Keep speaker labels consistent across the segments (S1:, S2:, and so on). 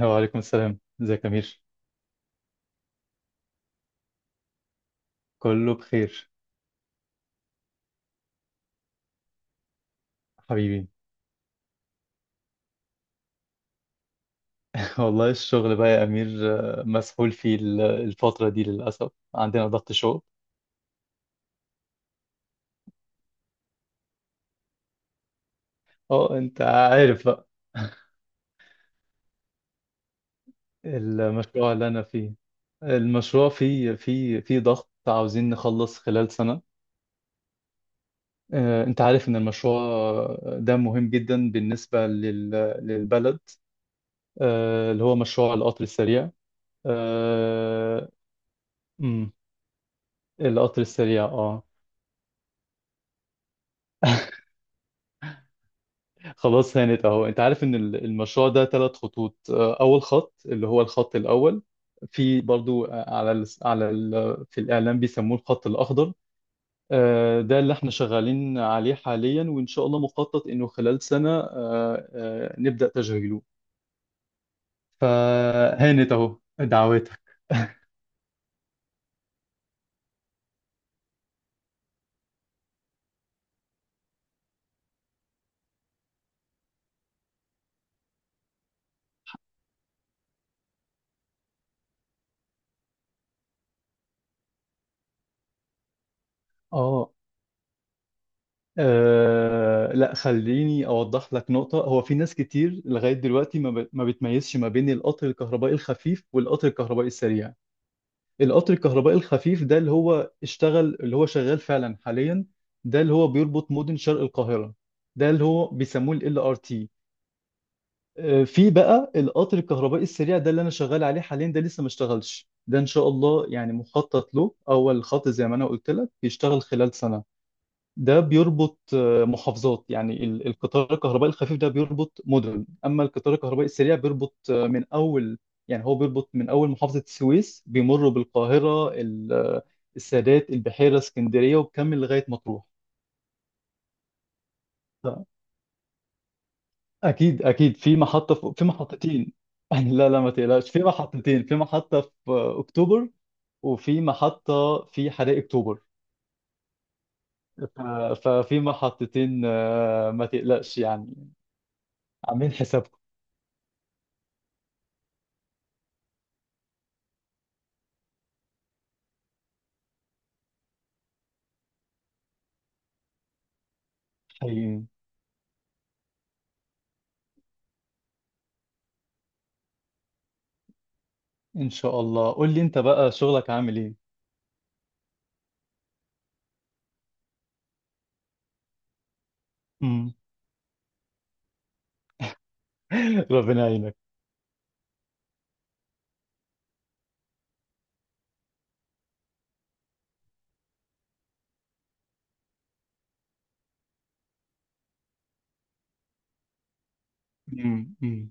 S1: وعليكم السلام، ازيك يا أمير؟ كله بخير حبيبي. والله الشغل بقى يا أمير. مسحول فيه الفترة دي، للأسف عندنا ضغط شغل. اه، انت عارف بقى. المشروع اللي أنا فيه، المشروع فيه ضغط، عاوزين نخلص خلال سنة. انت عارف ان المشروع ده مهم جدا بالنسبة للبلد، اللي هو مشروع القطر السريع. آه، مم، القطر السريع، اه. خلاص، هانت اهو. انت عارف ان المشروع ده ثلاث خطوط. اول خط اللي هو الخط الاول، في برضو آه، على ال على ال في الاعلام بيسموه الخط الاخضر. ده اللي احنا شغالين عليه حاليا، وان شاء الله مخطط انه خلال سنة نبدأ تشغيله. فهانت اهو، دعواتك. اه. لا، خليني اوضح لك نقطة. هو في ناس كتير لغاية دلوقتي ما بتميزش ما بين القطر الكهربائي الخفيف والقطر الكهربائي السريع. القطر الكهربائي الخفيف ده اللي هو اشتغل، اللي هو شغال فعلا حاليا، ده اللي هو بيربط مدن شرق القاهرة، ده اللي هو بيسموه ال LRT. في بقى القطر الكهربائي السريع، ده اللي انا شغال عليه حاليا، ده لسه ما اشتغلش. ده ان شاء الله يعني مخطط له اول خط زي ما انا قلت لك يشتغل خلال سنة. ده بيربط محافظات. يعني القطار الكهربائي الخفيف ده بيربط مدن، اما القطار الكهربائي السريع بيربط من اول، يعني هو بيربط من اول محافظة السويس، بيمر بالقاهرة السادات، البحيرة، اسكندرية، وبكمل لغاية مطروح. ف- اكيد اكيد، في محطة، في محطتين. لا لا ما تقلقش، في محطتين. في محطة في اكتوبر، وفي محطة في حدائق اكتوبر. ف- ففي محطتين ما تقلقش يعني. عاملين حسابكم. حقيقي. ان شاء الله. قول لي انت بقى، شغلك عامل ايه؟ امم. ربنا يعينك. امم. امم.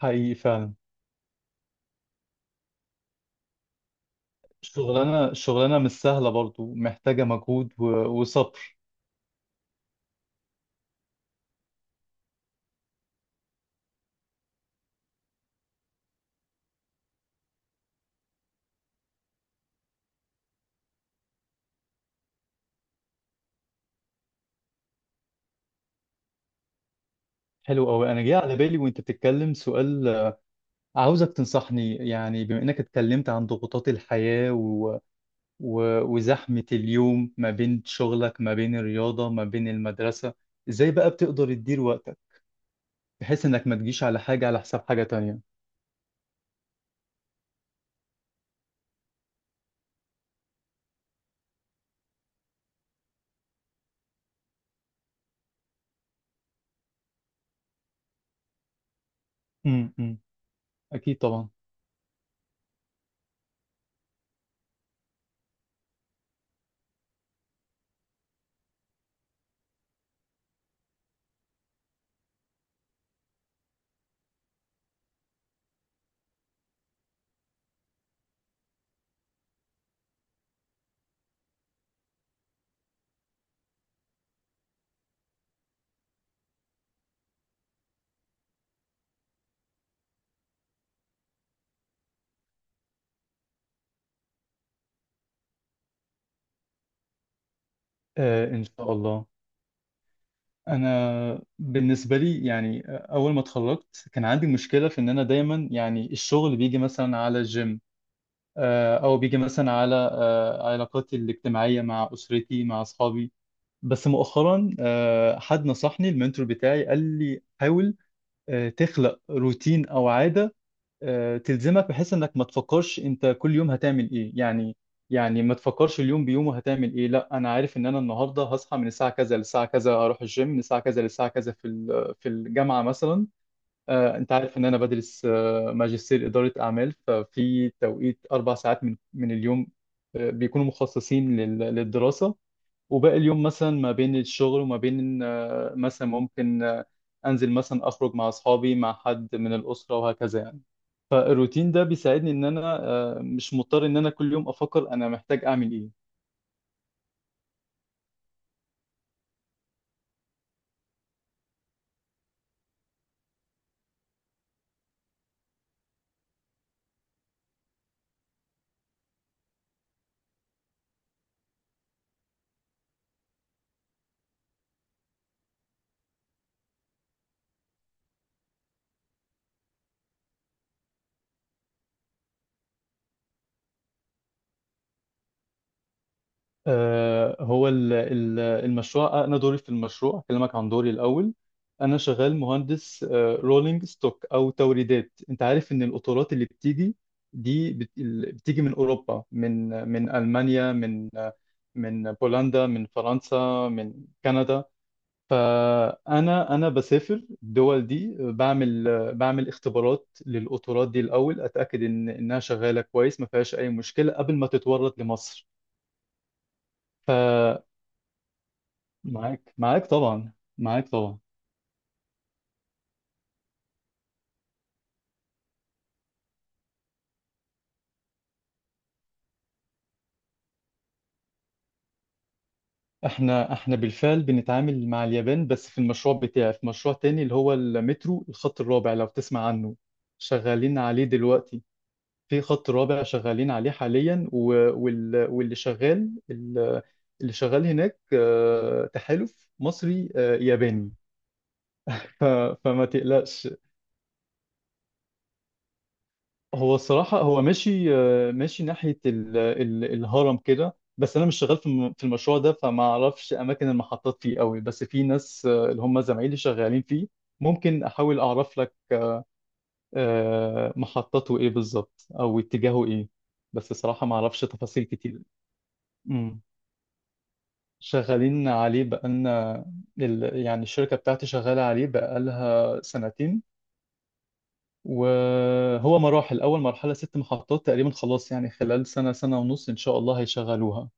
S1: حقيقي فعلا. شغلانه، شغلانه مش سهله، برضو محتاجه مجهود وصبر. حلو قوي، انا جاي على بالي وانت بتتكلم سؤال. عاوزك تنصحني، يعني بما انك اتكلمت عن ضغوطات الحياه وزحمه اليوم، ما بين شغلك، ما بين الرياضه، ما بين المدرسه، ازاي بقى بتقدر تدير وقتك بحيث انك ما تجيش على حاجه على حساب حاجه تانية؟ امم. امم. اكيد طبعا. آه، ان شاء الله. انا بالنسبه لي، يعني اول ما اتخرجت كان عندي مشكله في ان انا دايما يعني الشغل بيجي مثلا على الجيم، او بيجي مثلا على علاقاتي الاجتماعيه مع اسرتي، مع اصحابي. بس مؤخرا حد نصحني، المنتور بتاعي قال لي حاول تخلق روتين او عاده تلزمك، بحيث انك ما تفكرش انت كل يوم هتعمل ايه يعني. يعني ما تفكرش اليوم بيومه هتعمل ايه، لا، انا عارف ان انا النهارده هصحى من الساعه كذا للساعه كذا، اروح الجيم من الساعه كذا للساعه كذا، في في الجامعه مثلا. انت عارف ان انا بدرس ماجستير اداره اعمال، ففي توقيت 4 ساعات من اليوم بيكونوا مخصصين للدراسه. وباقي اليوم مثلا ما بين الشغل، وما بين مثلا ممكن انزل مثلا، اخرج مع اصحابي، مع حد من الاسره، وهكذا يعني. فالروتين ده بيساعدني ان انا مش مضطر ان انا كل يوم افكر انا محتاج اعمل ايه. المشروع، انا دوري في المشروع، اكلمك عن دوري الاول. انا شغال مهندس رولينج ستوك او توريدات. انت عارف ان القطارات اللي بتيجي دي بتيجي من اوروبا، من المانيا، من بولندا، من فرنسا، من كندا. فانا، بسافر الدول دي، بعمل اختبارات للقطارات دي الاول، اتاكد ان انها شغاله كويس، ما فيهاش اي مشكله قبل ما تتورد لمصر. معاك طبعا. معاك طبعا. احنا بالفعل بنتعامل مع اليابان، بس في المشروع بتاعي في مشروع تاني اللي هو المترو الخط الرابع، لو تسمع عنه. شغالين عليه دلوقتي. في خط رابع شغالين عليه حاليا، وال- واللي شغال ال- اللي شغال هناك تحالف مصري ياباني. ف- فما تقلقش. هو الصراحة هو ماشي ماشي ناحية ال ال الهرم كده، بس أنا مش شغال في في المشروع ده، فما أعرفش أماكن المحطات فيه قوي، بس في ناس اللي هم زمايلي شغالين فيه. ممكن أحاول أعرف لك محطته إيه بالظبط أو اتجاهه إيه، بس الصراحة ما أعرفش تفاصيل كتير. مم. شغالين عليه بقالنا. يعني الشركة بتاعتي شغالة عليه بقالها سنتين. وهو مراحل، أول مرحلة ست محطات تقريبا خلاص، يعني خلال سنة سنة ونص إن شاء الله هيشغلوها.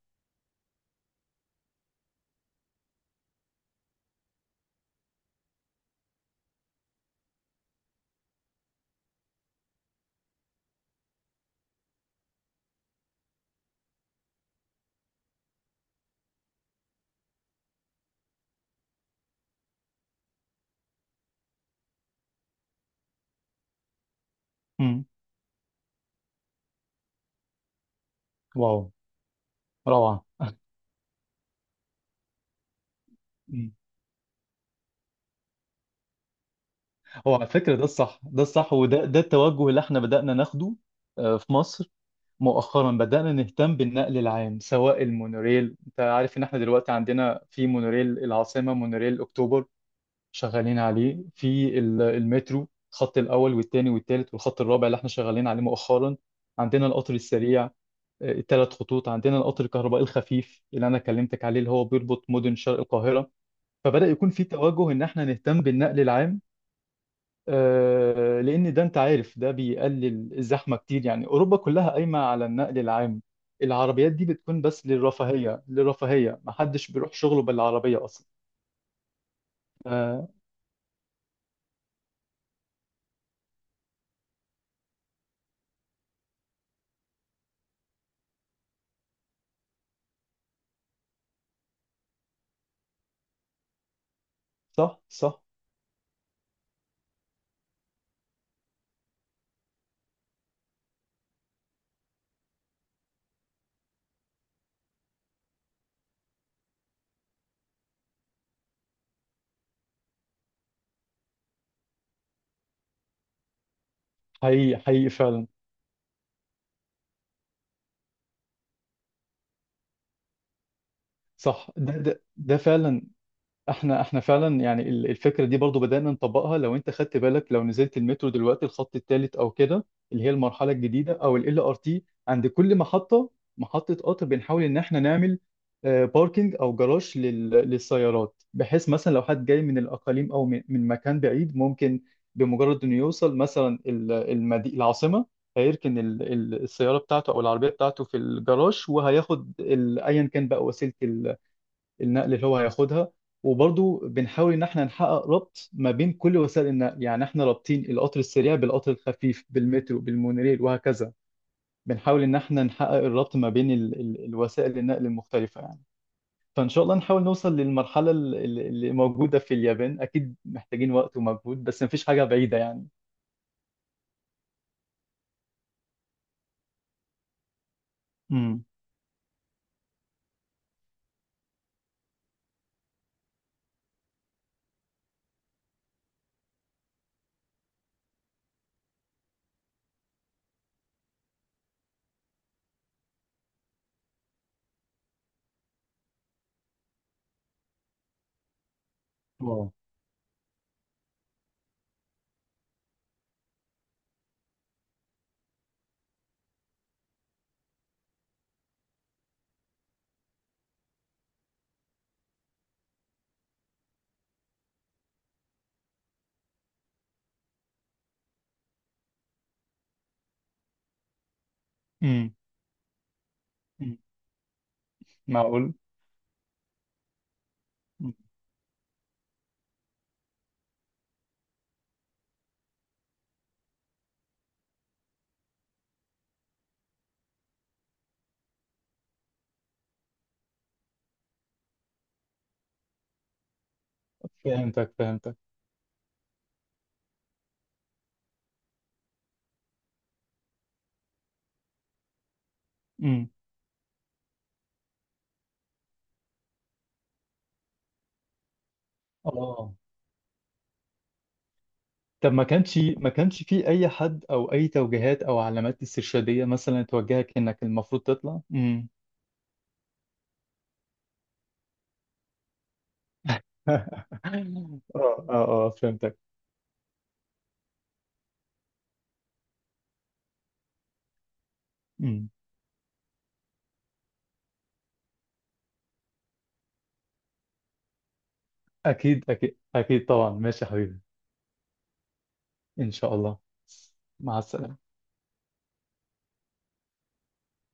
S1: مم. واو. روعة. مم. هو على فكرة ده الصح، ده الصح، وده التوجه اللي احنا بدأنا ناخده في مصر مؤخرا. بدأنا نهتم بالنقل العام سواء المونوريل. انت عارف ان احنا دلوقتي عندنا في مونوريل العاصمة، مونوريل اكتوبر. شغالين عليه في المترو الخط الاول والثاني والثالث، والخط الرابع اللي احنا شغالين عليه مؤخرا. عندنا القطر السريع الثلاث خطوط، عندنا القطر الكهربائي الخفيف اللي انا كلمتك عليه، اللي هو بيربط مدن شرق القاهره. فبدا يكون في توجه ان احنا نهتم بالنقل العام لان ده انت عارف ده بيقلل الزحمه كتير. يعني اوروبا كلها قايمه على النقل العام، العربيات دي بتكون بس للرفاهيه، للرفاهيه، محدش بيروح شغله بالعربيه اصلا. آه، صح صح. حقيقي حقيقي فعلا. صح، ده فعلا. احنا فعلا، يعني الفكره دي برضو بدانا نطبقها. لو انت خدت بالك، لو نزلت المترو دلوقتي الخط الثالث او كده، اللي هي المرحله الجديده او ال ار تي، عند كل محطه، محطه قطر، بنحاول ان احنا نعمل باركينج او جراج للسيارات. بحيث مثلا لو حد جاي من الاقاليم او من مكان بعيد، ممكن بمجرد انه يوصل مثلا المدي العاصمه، هيركن السياره بتاعته او العربيه بتاعته في الجراج، وهياخد ايا كان بقى وسيله النقل اللي هو هياخدها. وبرضه بنحاول ان احنا نحقق ربط ما بين كل وسائل النقل، يعني احنا رابطين القطر السريع بالقطر الخفيف بالمترو بالمونوريل وهكذا. بنحاول ان احنا نحقق الربط ما بين ال ال الوسائل النقل المختلفة يعني. فان شاء الله نحاول نوصل للمرحلة اللي موجودة في اليابان. اكيد محتاجين وقت ومجهود، بس مفيش حاجة بعيدة يعني. امم. اه. امم. أمم. معقول. مم. فهمتك فهمتك. امم. اه، طب ما كانش في اي حد او اي توجيهات او علامات استرشاديه مثلا توجهك انك المفروض تطلع؟ امم. اه اه. اه فهمتك. امم. اكيد اكيد اكيد طبعا، ماشي يا حبيبي. ان شاء الله. مع السلامه.